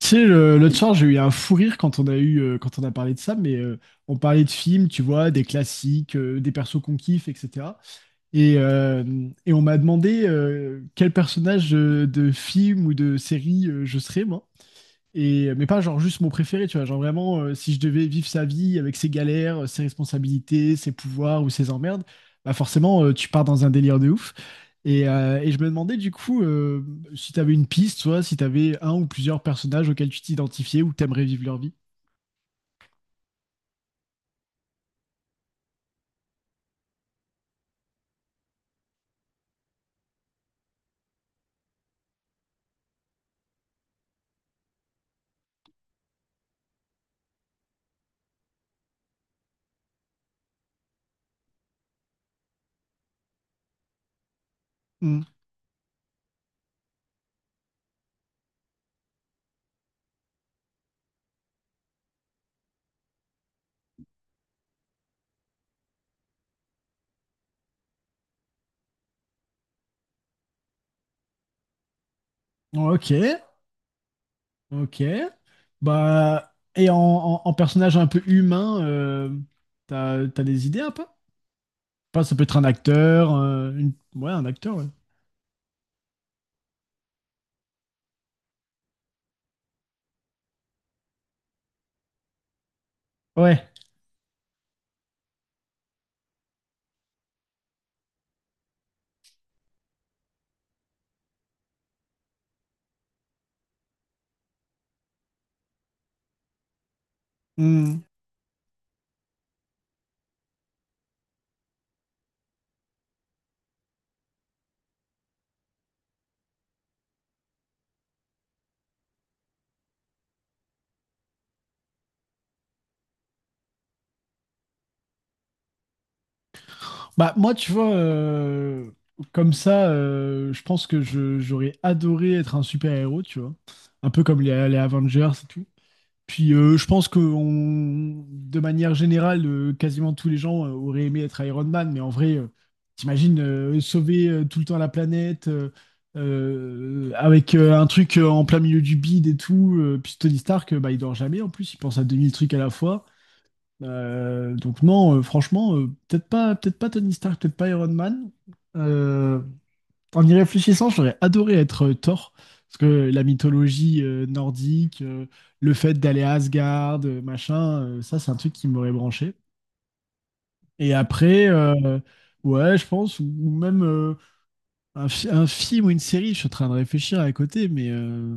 Tu sais, l'autre soir, j'ai eu un fou rire quand quand on a parlé de ça, on parlait de films, tu vois, des classiques, des persos qu'on kiffe, etc. Et, euh, et on m'a demandé quel personnage de film ou de série je serais, moi. Mais pas genre juste mon préféré, tu vois. Genre vraiment, si je devais vivre sa vie avec ses galères, ses responsabilités, ses pouvoirs ou ses emmerdes, bah forcément, tu pars dans un délire de ouf. Et je me demandais du coup, si tu avais une piste, soit si tu avais un ou plusieurs personnages auxquels tu t'identifiais ou que t'aimerais vivre leur vie. Hmm. Ok. Ok. Bah, et en personnage un peu humain, t'as des idées un peu? Pas, ça peut être un acteur, ouais, un acteur, ouais. Ouais. Hmm. Bah, moi, tu vois, comme ça, je pense que j'aurais adoré être un super-héros, tu vois. Un peu comme les Avengers et tout. Puis je pense que de manière générale, quasiment tous les gens auraient aimé être Iron Man, mais en vrai, t'imagines sauver tout le temps la planète avec un truc en plein milieu du bide et tout. Euh, puis Tony Stark, bah, il dort jamais en plus, il pense à 2000 trucs à la fois. Donc non, franchement, peut-être pas Tony Stark, peut-être pas Iron Man. Euh, en y réfléchissant, j'aurais adoré être Thor, parce que la mythologie nordique, le fait d'aller à Asgard, machin, ça c'est un truc qui m'aurait branché. Et après, ouais, je pense, ou même un film ou une série, je suis en train de réfléchir à côté, mais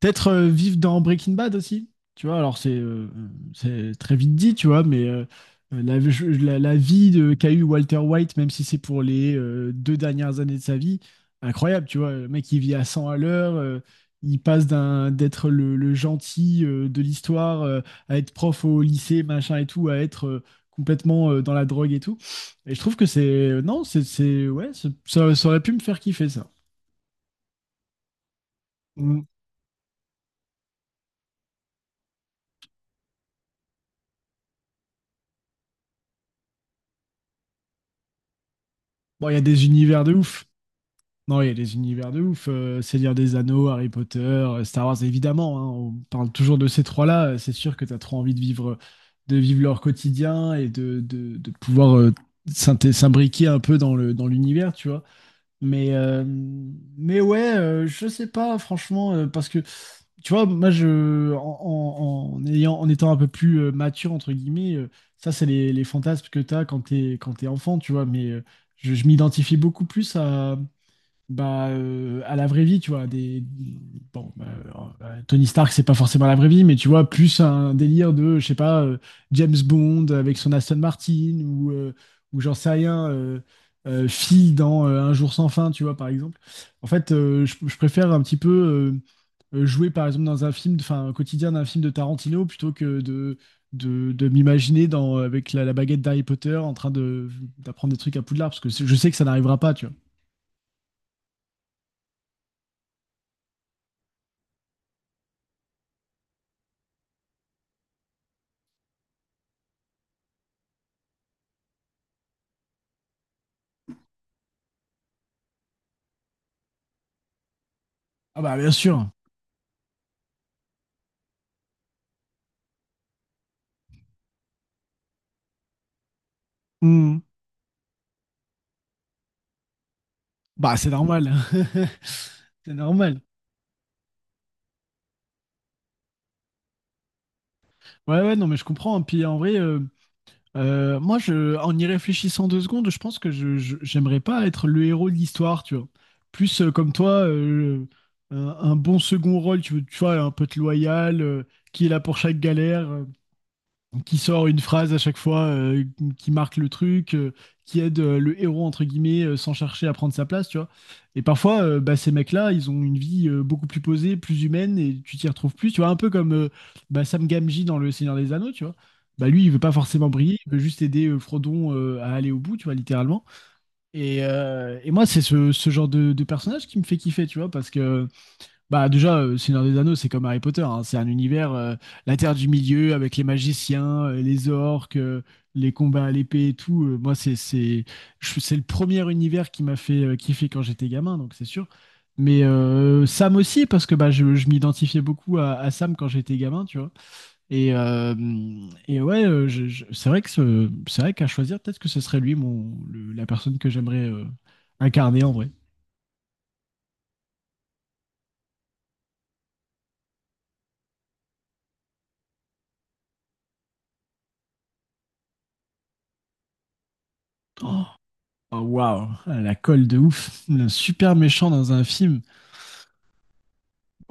peut-être vivre dans Breaking Bad aussi, tu vois. Alors, c'est très vite dit, tu vois, mais la vie de, qu'a eu Walter White, même si c'est pour les deux dernières années de sa vie, incroyable, tu vois. Le mec, il vit à 100 à l'heure, il passe d'être le gentil de l'histoire, à être prof au lycée, machin et tout, à être complètement dans la drogue et tout. Et je trouve que c'est. Non, ouais, ça, ça aurait pu me faire kiffer, ça. Mm. Bon, il y a des univers de ouf. Non, il y a des univers de ouf. Euh, Seigneur des Anneaux, Harry Potter, Star Wars, évidemment, hein, on parle toujours de ces trois-là. Euh, c'est sûr que tu as trop envie de vivre leur quotidien et de pouvoir s'imbriquer un peu dans dans l'univers, tu vois. Mais, euh, mais ouais, je sais pas, franchement, parce que, tu vois, moi, en ayant, en étant un peu plus mature, entre guillemets, ça, c'est les fantasmes que tu as quand quand t'es enfant, tu vois. Mais je m'identifie beaucoup plus à bah, à la vraie vie, tu vois, des... Bon, bah, Tony Stark, c'est pas forcément la vraie vie, mais tu vois, plus un délire de, je sais pas, James Bond avec son Aston Martin, ou j'en sais rien, Phil dans Un jour sans fin, tu vois, par exemple. En fait, je préfère un petit peu jouer, par exemple, dans un film, enfin, un quotidien d'un film de Tarantino, plutôt que de m'imaginer dans, avec la baguette d'Harry Potter en train de, d'apprendre des trucs à Poudlard, parce que je sais que ça n'arrivera pas, tu vois. Ah bah, bien sûr. Hmm. Bah, c'est normal. C'est normal. Ouais, ouais, non, mais je comprends, hein. Puis en vrai, moi, en y réfléchissant deux secondes, je pense que j'aimerais pas être le héros de l'histoire, tu vois. Plus comme toi, un bon second rôle, tu vois, un pote loyal, qui est là pour chaque galère, qui sort une phrase à chaque fois, qui marque le truc, qui aide le héros, entre guillemets, sans chercher à prendre sa place, tu vois. Et parfois, bah, ces mecs-là, ils ont une vie beaucoup plus posée, plus humaine, et tu t'y retrouves plus, tu vois. Un peu comme bah, Sam Gamgee dans Le Seigneur des Anneaux, tu vois. Bah, lui, il veut pas forcément briller, il veut juste aider Frodon à aller au bout, tu vois, littéralement. Et moi, c'est ce genre de personnage qui me fait kiffer, tu vois, parce que bah déjà, Seigneur des Anneaux, c'est comme Harry Potter, hein. C'est un univers, la Terre du Milieu, avec les magiciens, les orques, les combats à l'épée et tout. Moi, c'est le premier univers qui m'a fait kiffer quand j'étais gamin, donc c'est sûr. Mais Sam aussi, parce que bah, je m'identifiais beaucoup à Sam quand j'étais gamin, tu vois. Et, euh, et ouais, c'est vrai que c'est vrai qu'à choisir, peut-être que ce serait lui, la personne que j'aimerais incarner en vrai. Oh. Oh, waouh, la colle de ouf, le super méchant dans un film.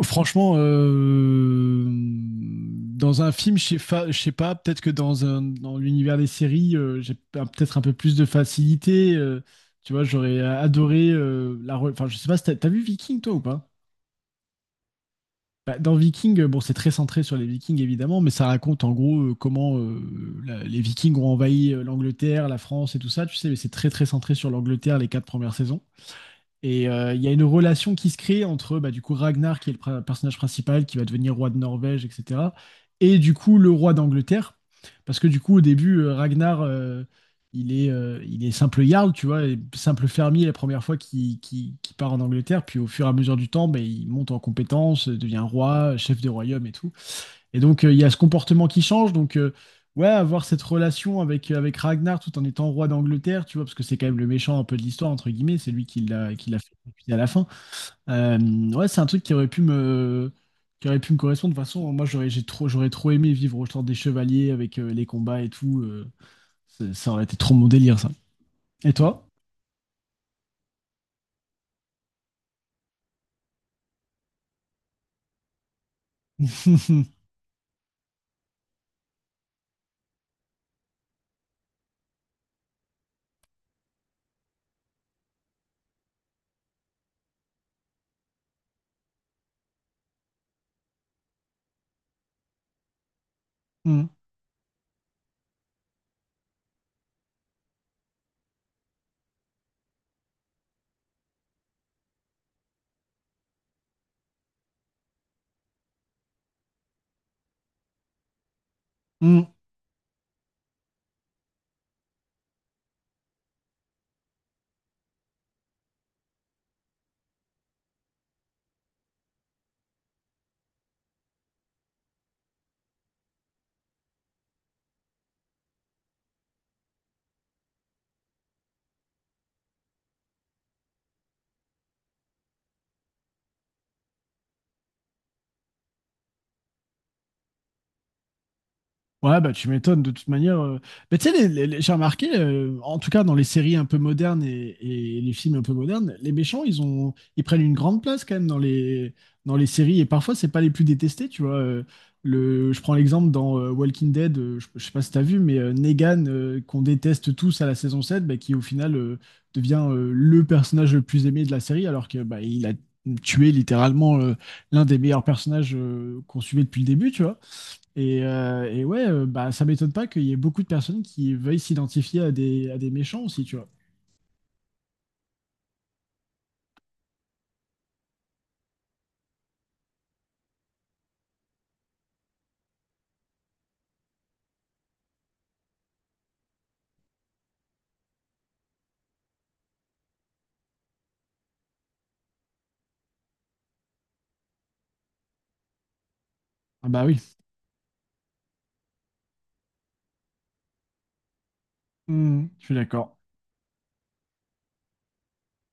Franchement, dans un film, je sais pas, peut-être que dans dans l'univers des séries, peut-être un peu plus de facilité. Euh, tu vois, j'aurais adoré enfin, je sais pas, si t'as vu Viking toi ou pas? Bah, dans Viking, bon, c'est très centré sur les Vikings évidemment, mais ça raconte en gros comment les Vikings ont envahi l'Angleterre, la France et tout ça. Tu sais, mais c'est très centré sur l'Angleterre les quatre premières saisons. Et il y a une relation qui se crée entre bah, du coup Ragnar, qui est le personnage principal, qui va devenir roi de Norvège, etc. Et du coup le roi d'Angleterre. Parce que du coup au début, Ragnar, il est simple jarl, tu vois, et simple fermier la première fois qu'il part en Angleterre. Puis au fur et à mesure du temps, bah, il monte en compétences, devient roi, chef des royaumes et tout. Et donc, il y a ce comportement qui change. Donc, ouais, avoir cette relation avec, avec Ragnar tout en étant roi d'Angleterre, tu vois, parce que c'est quand même le méchant un peu de l'histoire, entre guillemets, c'est lui qui l'a fait exécuter à la fin. Euh, ouais, c'est un truc qui aurait pu qui aurait pu me correspondre. De toute façon, moi, j'aurais trop aimé vivre au temps des chevaliers avec les combats et tout. Euh, ça ça aurait été trop mon délire, ça. Et toi? Mm, mm. Ouais, bah tu m'étonnes de toute manière, euh. Mais tu sais, j'ai remarqué, en tout cas dans les séries un peu modernes et les films un peu modernes, les méchants, ils prennent une grande place quand même dans dans les séries. Et parfois, c'est pas les plus détestés, tu vois. Je prends l'exemple dans Walking Dead, je sais pas si t'as vu, mais Negan, qu'on déteste tous à la saison 7, bah, qui au final devient le personnage le plus aimé de la série, alors que bah, il a tué littéralement l'un des meilleurs personnages qu'on suivait depuis le début, tu vois. Et ouais, bah, ça m'étonne pas qu'il y ait beaucoup de personnes qui veuillent s'identifier à des méchants aussi, tu vois. Ah bah oui. Hmm, je suis d'accord.